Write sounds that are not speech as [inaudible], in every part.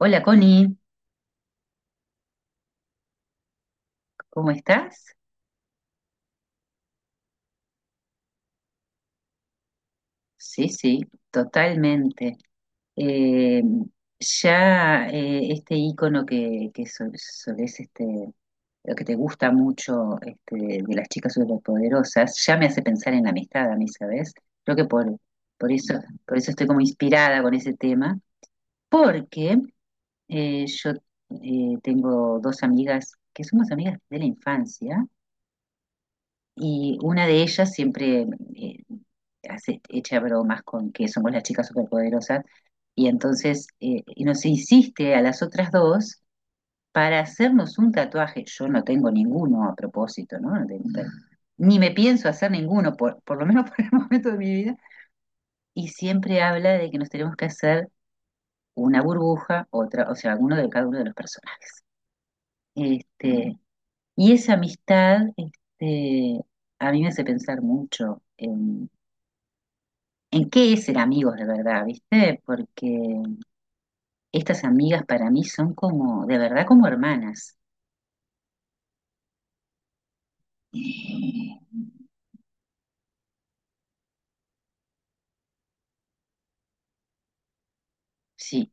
Hola Connie, ¿cómo estás? Sí, sí, totalmente. Eh, ya este icono que solés, lo que te gusta mucho, de las chicas superpoderosas, ya me hace pensar en la amistad a mí, ¿sabes? Creo que por eso, por eso estoy como inspirada con ese tema, porque yo tengo dos amigas que somos amigas de la infancia. Y una de ellas siempre eh, hace, echa bromas con que somos las chicas superpoderosas. Y entonces y nos insiste a las otras dos para hacernos un tatuaje. Yo no tengo ninguno a propósito, ¿no? Ni me pienso hacer ninguno, por lo menos [laughs] por el momento de mi vida. Y siempre habla de que nos tenemos que hacer una burbuja, otra, o sea, alguno de cada uno de los personajes. Este, y esa amistad, a mí me hace pensar mucho en ¿en qué es ser amigos de verdad, viste? Porque estas amigas para mí son como, de verdad, como hermanas. Sí,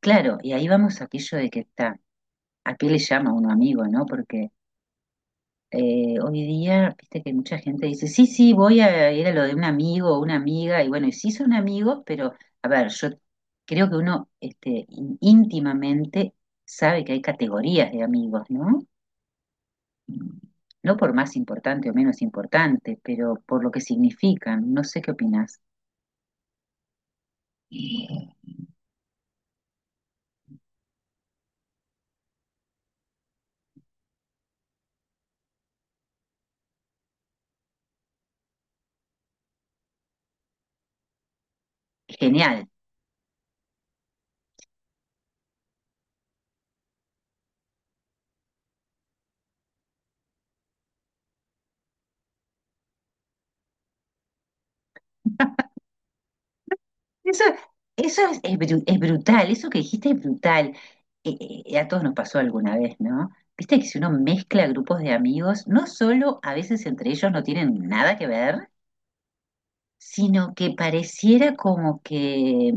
claro, y ahí vamos a aquello de que está, ¿a qué le llama uno amigo, no? Porque hoy día, viste que mucha gente dice, sí, sí, voy a ir a lo de un amigo o una amiga, y bueno, y sí son amigos, pero a ver, yo creo que uno íntimamente sabe que hay categorías de amigos, ¿no? No por más importante o menos importante, pero por lo que significan. No sé qué opinas. Genial. Eso, es es brutal, eso que dijiste es brutal. Eh, a todos nos pasó alguna vez, ¿no? Viste que si uno mezcla grupos de amigos, no solo a veces entre ellos no tienen nada que ver, sino que pareciera como que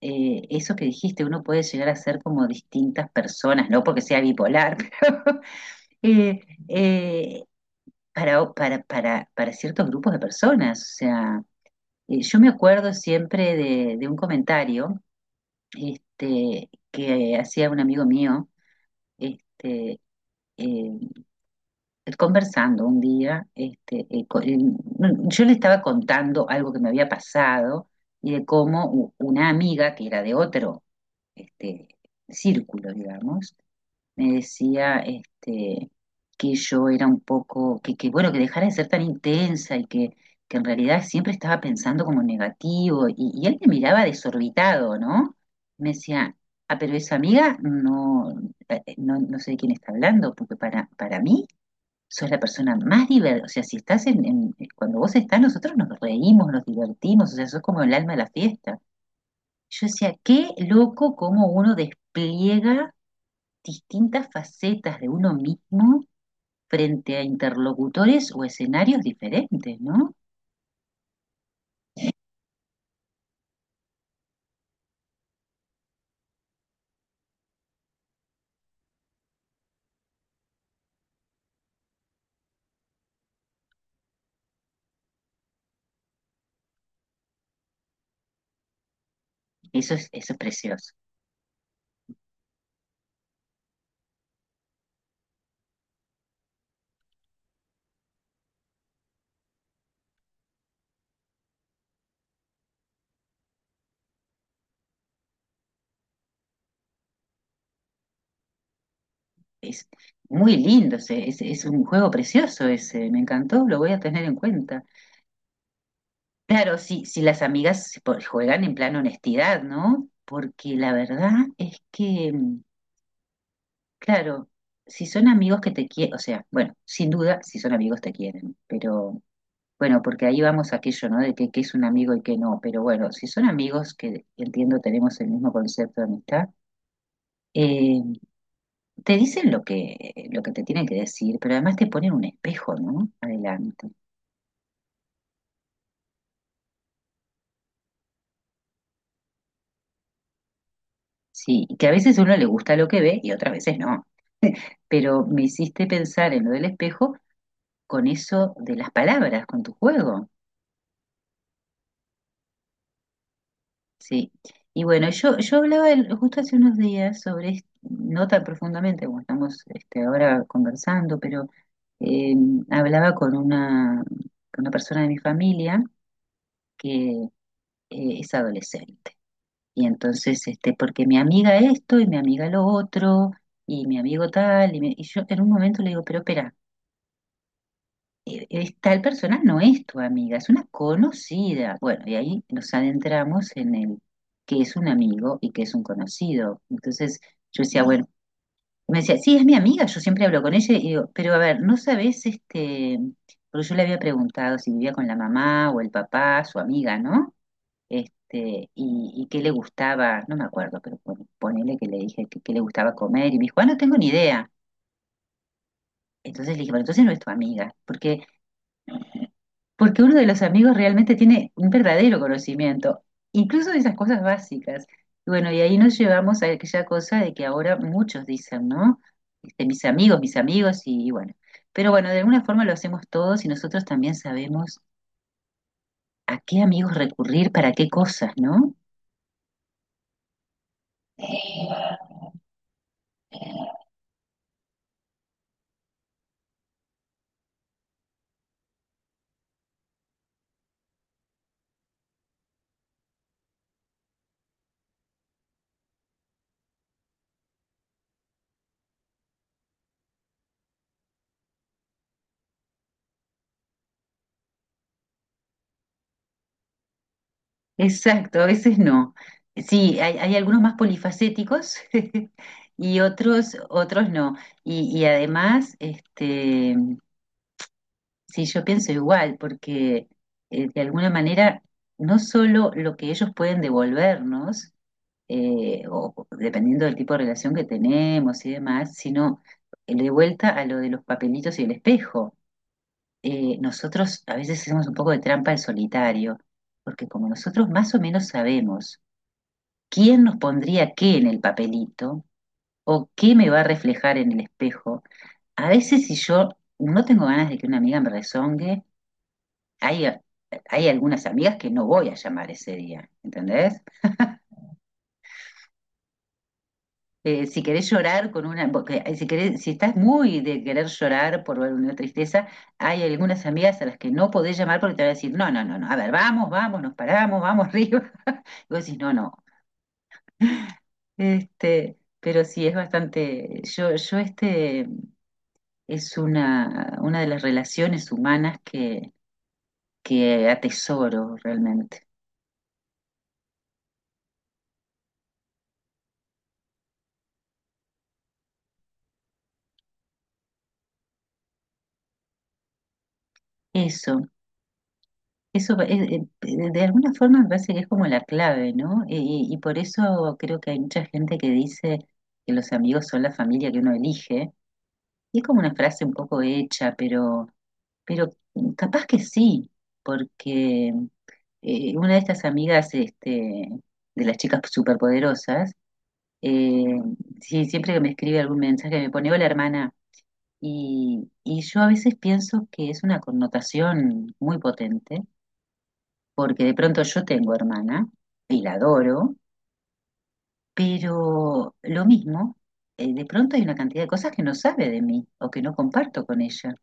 eso que dijiste, uno puede llegar a ser como distintas personas, no porque sea bipolar, [laughs] pero eh, eh, para ciertos grupos de personas. O sea, yo me acuerdo siempre de un comentario que hacía un amigo mío, este, eh, conversando un día, no, yo le estaba contando algo que me había pasado y de cómo una amiga que era de otro este, círculo, digamos, me decía que yo era un poco, que bueno, que dejara de ser tan intensa y que en realidad siempre estaba pensando como negativo y él me miraba desorbitado, ¿no? Me decía, ah, pero esa amiga no, no, no sé de quién está hablando, porque para mí sos la persona más divertida, o sea, si estás cuando vos estás, nosotros nos reímos, nos divertimos, o sea, sos como el alma de la fiesta. Yo decía, qué loco cómo uno despliega distintas facetas de uno mismo frente a interlocutores o escenarios diferentes, ¿no? Eso es precioso. Es muy lindo, es un juego precioso ese, me encantó, lo voy a tener en cuenta. Claro, si las amigas juegan en plan honestidad, ¿no? Porque la verdad es que claro, si son amigos que te quieren, o sea, bueno, sin duda, si son amigos te quieren, pero bueno, porque ahí vamos a aquello, ¿no? De que es un amigo y que no, pero bueno, si son amigos que entiendo tenemos el mismo concepto de amistad, eh, te dicen lo que te tienen que decir, pero además te ponen un espejo, ¿no? Adelante. Sí, y que a veces uno le gusta lo que ve y otras veces no, pero me hiciste pensar en lo del espejo con eso de las palabras, con tu juego. Sí. Y bueno, yo hablaba justo hace unos días sobre, no tan profundamente como estamos ahora conversando, pero eh, hablaba con con una persona de mi familia que es adolescente. Y entonces, porque mi amiga esto y mi amiga lo otro, y mi amigo tal, y yo en un momento le digo, pero espera, tal persona no es tu amiga, es una conocida. Bueno, y ahí nos adentramos en el que es un amigo y que es un conocido. Entonces yo decía, claro, bueno, me decía, sí, es mi amiga, yo siempre hablo con ella y digo, pero a ver, ¿no sabes este? Porque yo le había preguntado si vivía con la mamá o el papá, su amiga, ¿no? Y qué le gustaba, no me acuerdo, pero ponele que le dije que, qué le gustaba comer y me dijo, ah, no tengo ni idea. Entonces le dije, bueno, entonces no es tu amiga, porque uno de los amigos realmente tiene un verdadero conocimiento, incluso de esas cosas básicas. Y bueno, y ahí nos llevamos a aquella cosa de que ahora muchos dicen, ¿no? Mis amigos, y bueno. Pero bueno, de alguna forma lo hacemos todos y nosotros también sabemos a qué amigos recurrir para qué cosas, ¿no? Exacto, a veces no. Sí, hay algunos más polifacéticos [laughs] y otros, otros no. Y, y además, este, Sí, yo pienso igual, porque de alguna manera no solo lo que ellos pueden devolvernos, o dependiendo del tipo de relación que tenemos y demás, sino de vuelta a lo de los papelitos y el espejo. Nosotros a veces hacemos un poco de trampa al solitario, porque como nosotros más o menos sabemos quién nos pondría qué en el papelito o qué me va a reflejar en el espejo, a veces si yo no tengo ganas de que una amiga me rezongue, hay, hay algunas amigas que no voy a llamar ese día, ¿entendés? Si querés llorar con una, porque, si querés, si estás muy de querer llorar por una tristeza, hay algunas amigas a las que no podés llamar porque te van a decir, no, no, no, no, a ver, vamos, vamos, nos paramos, vamos arriba. [laughs] Y vos decís, no, no. Pero sí, es bastante, yo, es una de las relaciones humanas que atesoro realmente. Eso. Eso, de alguna forma me parece que es como la clave, ¿no? Y por eso creo que hay mucha gente que dice que los amigos son la familia que uno elige. Y es como una frase un poco hecha, pero capaz que sí, porque una de estas amigas de las chicas superpoderosas, eh, sí, siempre que me escribe algún mensaje me pone, hola hermana, y yo a veces pienso que es una connotación muy potente porque de pronto yo tengo hermana y la adoro, pero lo mismo, de pronto hay una cantidad de cosas que no sabe de mí o que no comparto con ella.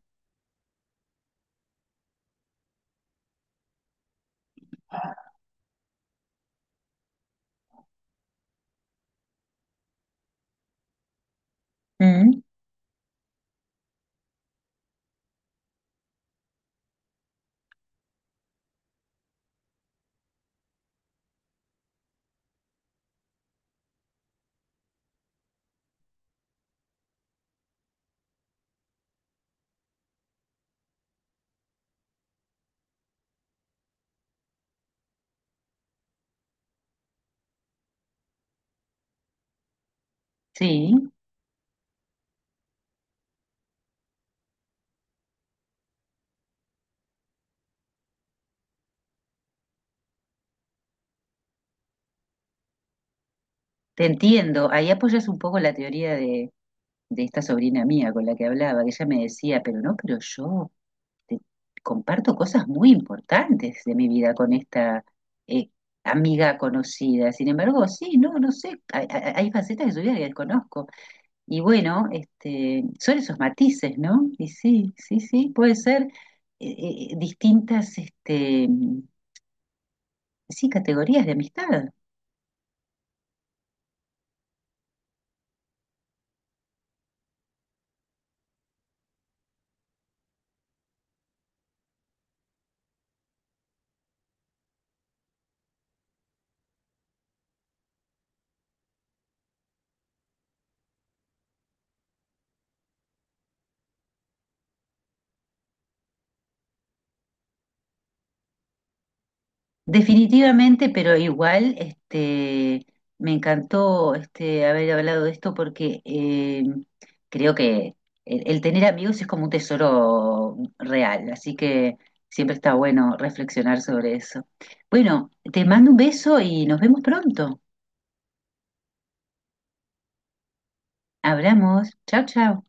Mm, sí, te entiendo. Ahí apoyas un poco la teoría de esta sobrina mía con la que hablaba, que ella me decía, pero no, pero yo te- comparto cosas muy importantes de mi vida con esta... eh, amiga conocida. Sin embargo, sí, no, no sé, hay facetas de su vida que desconozco. Y bueno, son esos matices, ¿no? Y sí, sí, sí, puede ser eh, eh, distintas, este, sí, categorías de amistad. Definitivamente, pero igual, me encantó haber hablado de esto porque creo que el tener amigos es como un tesoro real, así que siempre está bueno reflexionar sobre eso. Bueno, te mando un beso y nos vemos pronto. Hablamos. Chao, chao.